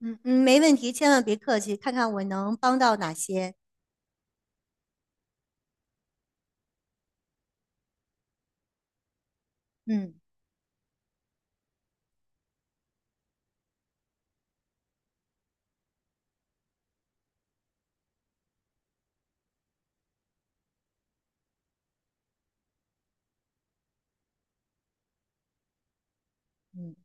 嗯嗯，没问题，千万别客气，看看我能帮到哪些。嗯嗯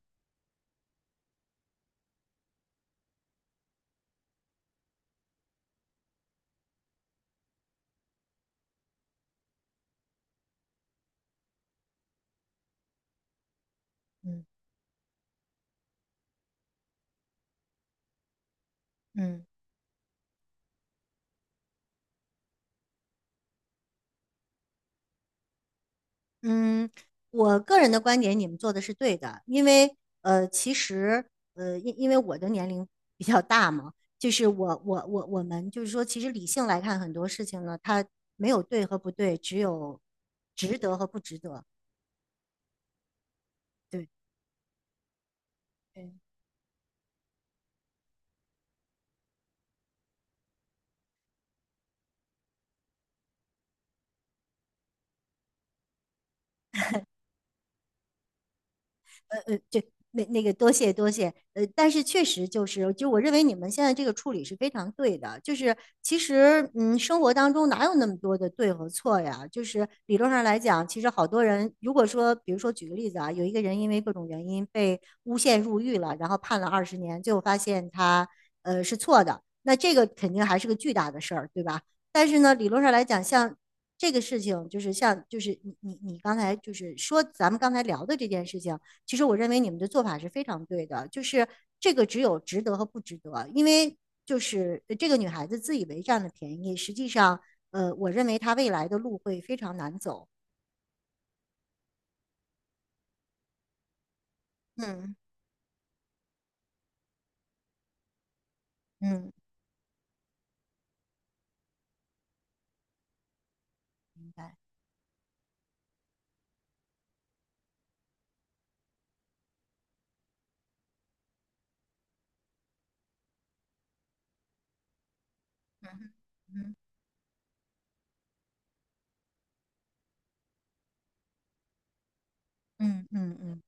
嗯嗯嗯，我个人的观点，你们做的是对的，因为其实因为我的年龄比较大嘛，就是我们就是说，其实理性来看很多事情呢，它没有对和不对，只有值得和不值得。对，对呃呃这那个多谢多谢，但是确实就是，就我认为你们现在这个处理是非常对的，就是其实嗯，生活当中哪有那么多的对和错呀？就是理论上来讲，其实好多人如果说，比如说举个例子啊，有一个人因为各种原因被诬陷入狱了，然后判了20年，最后发现他是错的，那这个肯定还是个巨大的事儿，对吧？但是呢，理论上来讲，像这个事情，就是就是你刚才就是说咱们刚才聊的这件事情。其实我认为你们的做法是非常对的，就是这个只有值得和不值得，因为就是这个女孩子自以为占了便宜，实际上，我认为她未来的路会非常难走。嗯嗯，明白。嗯嗯嗯嗯嗯嗯。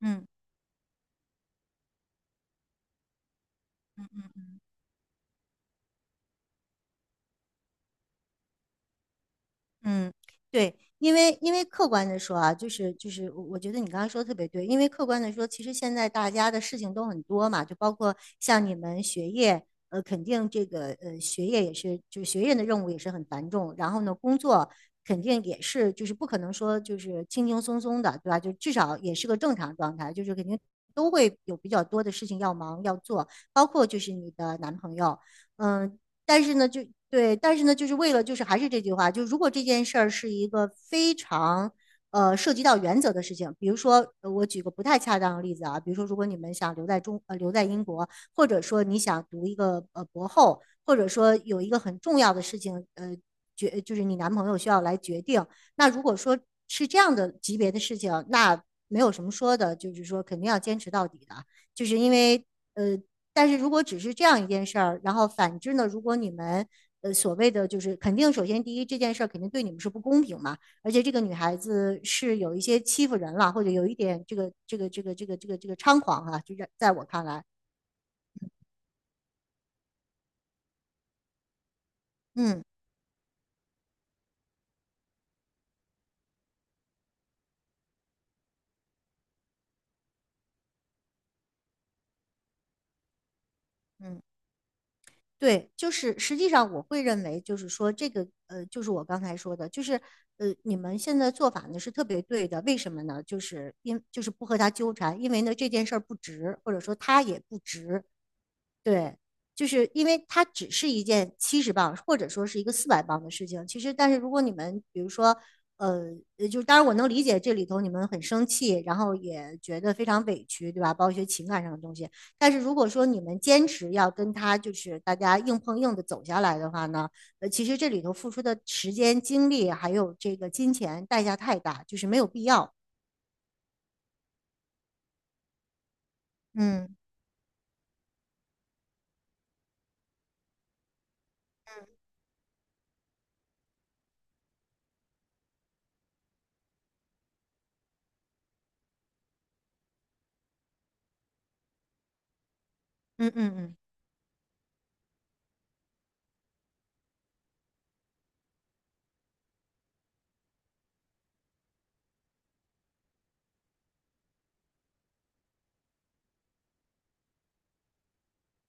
嗯嗯，对，因为客观的说啊，我觉得你刚刚说的特别对，因为客观的说，其实现在大家的事情都很多嘛，就包括像你们学业，肯定这个学业也是，就是学业的任务也是很繁重，然后呢，工作肯定也是，就是不可能说就是轻轻松松的，对吧？就至少也是个正常状态，就是肯定都会有比较多的事情要忙要做，包括就是你的男朋友。嗯，但是呢，就对，但是呢，就是为了，就是还是这句话，就如果这件事儿是一个非常涉及到原则的事情，比如说我举个不太恰当的例子啊，比如说如果你们想留在英国，或者说你想读一个博后，或者说有一个很重要的事情就是你男朋友需要来决定，那如果说是这样的级别的事情，那没有什么说的，就是说肯定要坚持到底的，就是因为呃但是如果只是这样一件事儿，然后反之呢，如果你们所谓的就是肯定，首先第一这件事儿肯定对你们是不公平嘛，而且这个女孩子是有一些欺负人了，或者有一点这个猖狂啊，就在我看来，嗯嗯，对，就是实际上我会认为就是说这个，就是我刚才说的，就是你们现在做法呢是特别对的，为什么呢？就是因就是不和他纠缠，因为呢这件事儿不值，或者说他也不值。对，就是因为它只是一件七十磅或者说是一个四百磅的事情。其实，但是如果你们比如说，呃，就当然我能理解这里头你们很生气，然后也觉得非常委屈，对吧？包括一些情感上的东西。但是如果说你们坚持要跟他就是大家硬碰硬的走下来的话呢，其实这里头付出的时间、精力还有这个金钱代价太大，就是没有必要。嗯嗯嗯嗯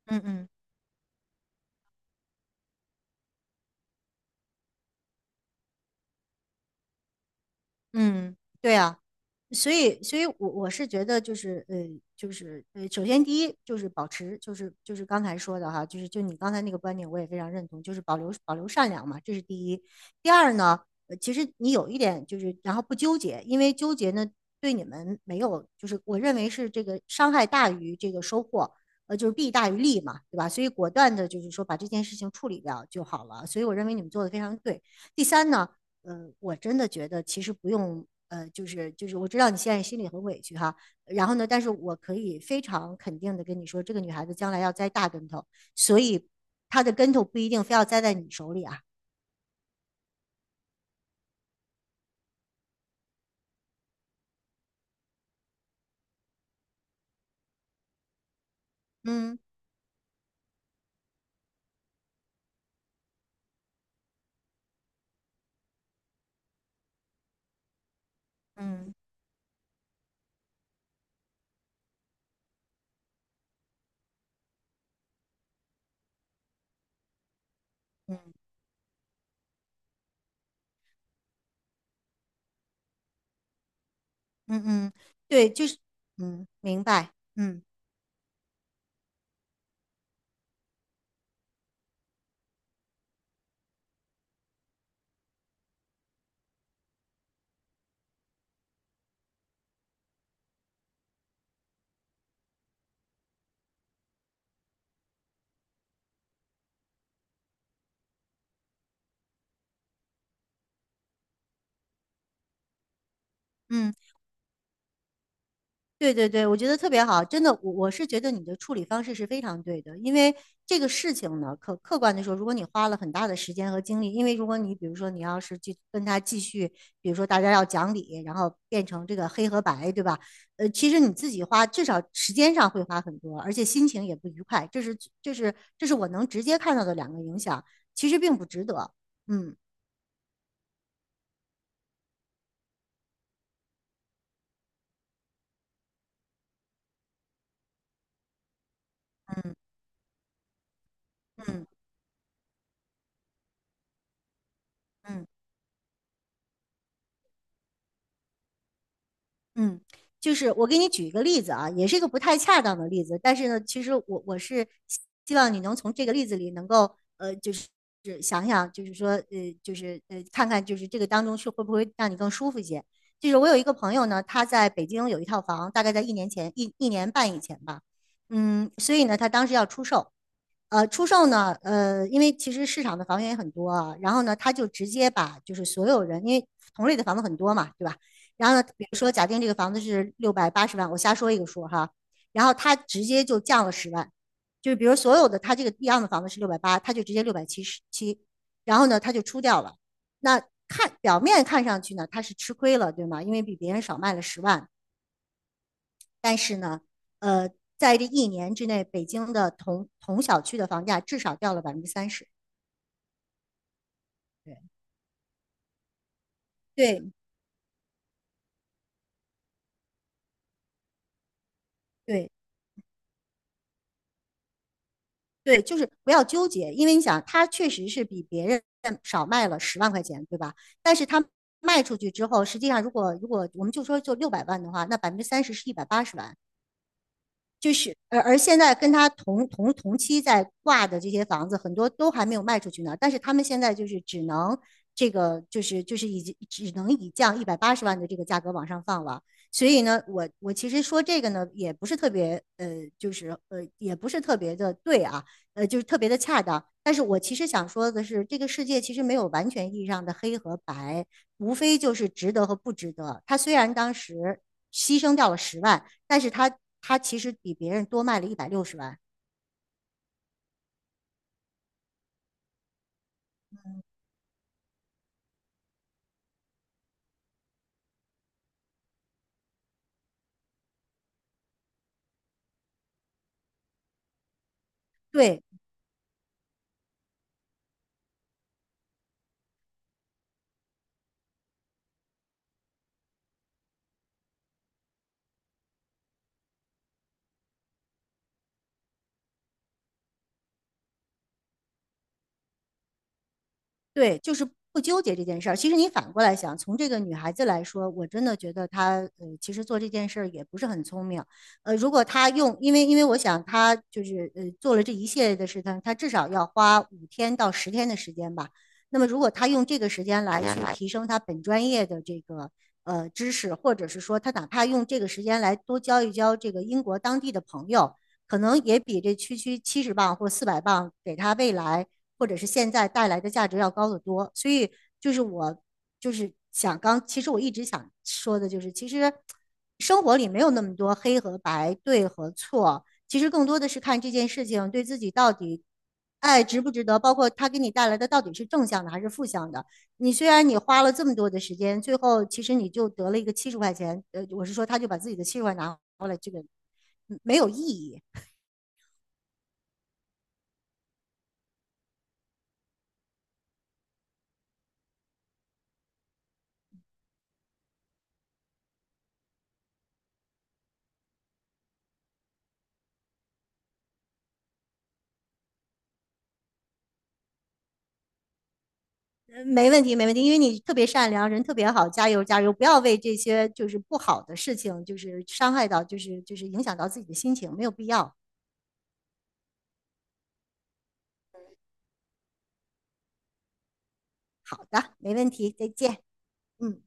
嗯嗯嗯，对啊。所以我是觉得就是，首先第一就是保持，就是刚才说的哈，就你刚才那个观点，我也非常认同，就是保留善良嘛，这是第一。第二呢，其实你有一点就是，然后不纠结，因为纠结呢对你们没有，就是我认为是这个伤害大于这个收获，就是弊大于利嘛，对吧？所以果断的就是说把这件事情处理掉就好了。所以我认为你们做的非常对。第三呢。我真的觉得其实不用，我知道你现在心里很委屈哈。然后呢，但是我可以非常肯定的跟你说，这个女孩子将来要栽大跟头，所以她的跟头不一定非要栽在你手里啊。嗯嗯嗯嗯嗯，对，明白，嗯嗯。对对对，我觉得特别好，真的，我是觉得你的处理方式是非常对的，因为这个事情呢，客客观的说，如果你花了很大的时间和精力，因为如果你比如说你要是去跟他继续，比如说大家要讲理，然后变成这个黑和白，对吧？其实你自己花至少时间上会花很多，而且心情也不愉快，这是这是我能直接看到的两个影响，其实并不值得。嗯嗯嗯嗯。嗯，就是我给你举一个例子啊，也是一个不太恰当的例子，但是呢，其实我是希望你能从这个例子里能够是想想，看看就是这个当中是会不会让你更舒服一些。就是我有一个朋友呢，他在北京有一套房，大概在一年前一年半以前吧，嗯，所以呢，他当时要出售，出售呢，因为其实市场的房源也很多啊，然后呢，他就直接把就是所有人，因为同类的房子很多嘛，对吧？然后呢，比如说假定这个房子是680万，我瞎说一个数哈，然后他直接就降了十万，就是比如所有的他这个一样的房子是六百八，他就直接677，然后呢，他就出掉了。那看表面看上去呢，他是吃亏了，对吗？因为比别人少卖了十万，但是呢，呃，在这一年之内，北京的同小区的房价至少掉了百分之三十。对对对对，就是不要纠结，因为你想，他确实是比别人少卖了10万块钱，对吧？但是他卖出去之后，实际上如果我们就说就600万的话，那百分之三十是一百八十万。就是现在跟他同期在挂的这些房子，很多都还没有卖出去呢，但是他们现在就是只能已经只能以降一百八十万的这个价格往上放了。所以呢，我其实说这个呢，也不是特别的对啊，就是特别的恰当。但是我其实想说的是，这个世界其实没有完全意义上的黑和白，无非就是值得和不值得。他虽然当时牺牲掉了十万，但是他其实比别人多卖了160万。对对，就是不纠结这件事儿。其实你反过来想，从这个女孩子来说，我真的觉得她其实做这件事儿也不是很聪明。如果她用，因为我想她就是做了这一系列的事情，她至少要花5天到10天的时间吧。那么如果她用这个时间来去提升她本专业的这个。知识，或者是说她哪怕用这个时间来多交一交这个英国当地的朋友，可能也比这区区70磅或400磅给他未来或者是现在带来的价值要高得多。所以就是我就是想刚，其实我一直想说的就是，其实生活里没有那么多黑和白、对和错，其实更多的是看这件事情对自己到底。爱值不值得？包括他给你带来的到底是正向的还是负向的？你虽然你花了这么多的时间，最后其实你就得了一个70块钱，我是说他就把自己的七十块拿回来，这个没有意义。没问题，没问题，因为你特别善良，人特别好，加油加油！不要为这些就是不好的事情，就是伤害到，就是就是影响到自己的心情，没有必要。好的，没问题，再见。嗯。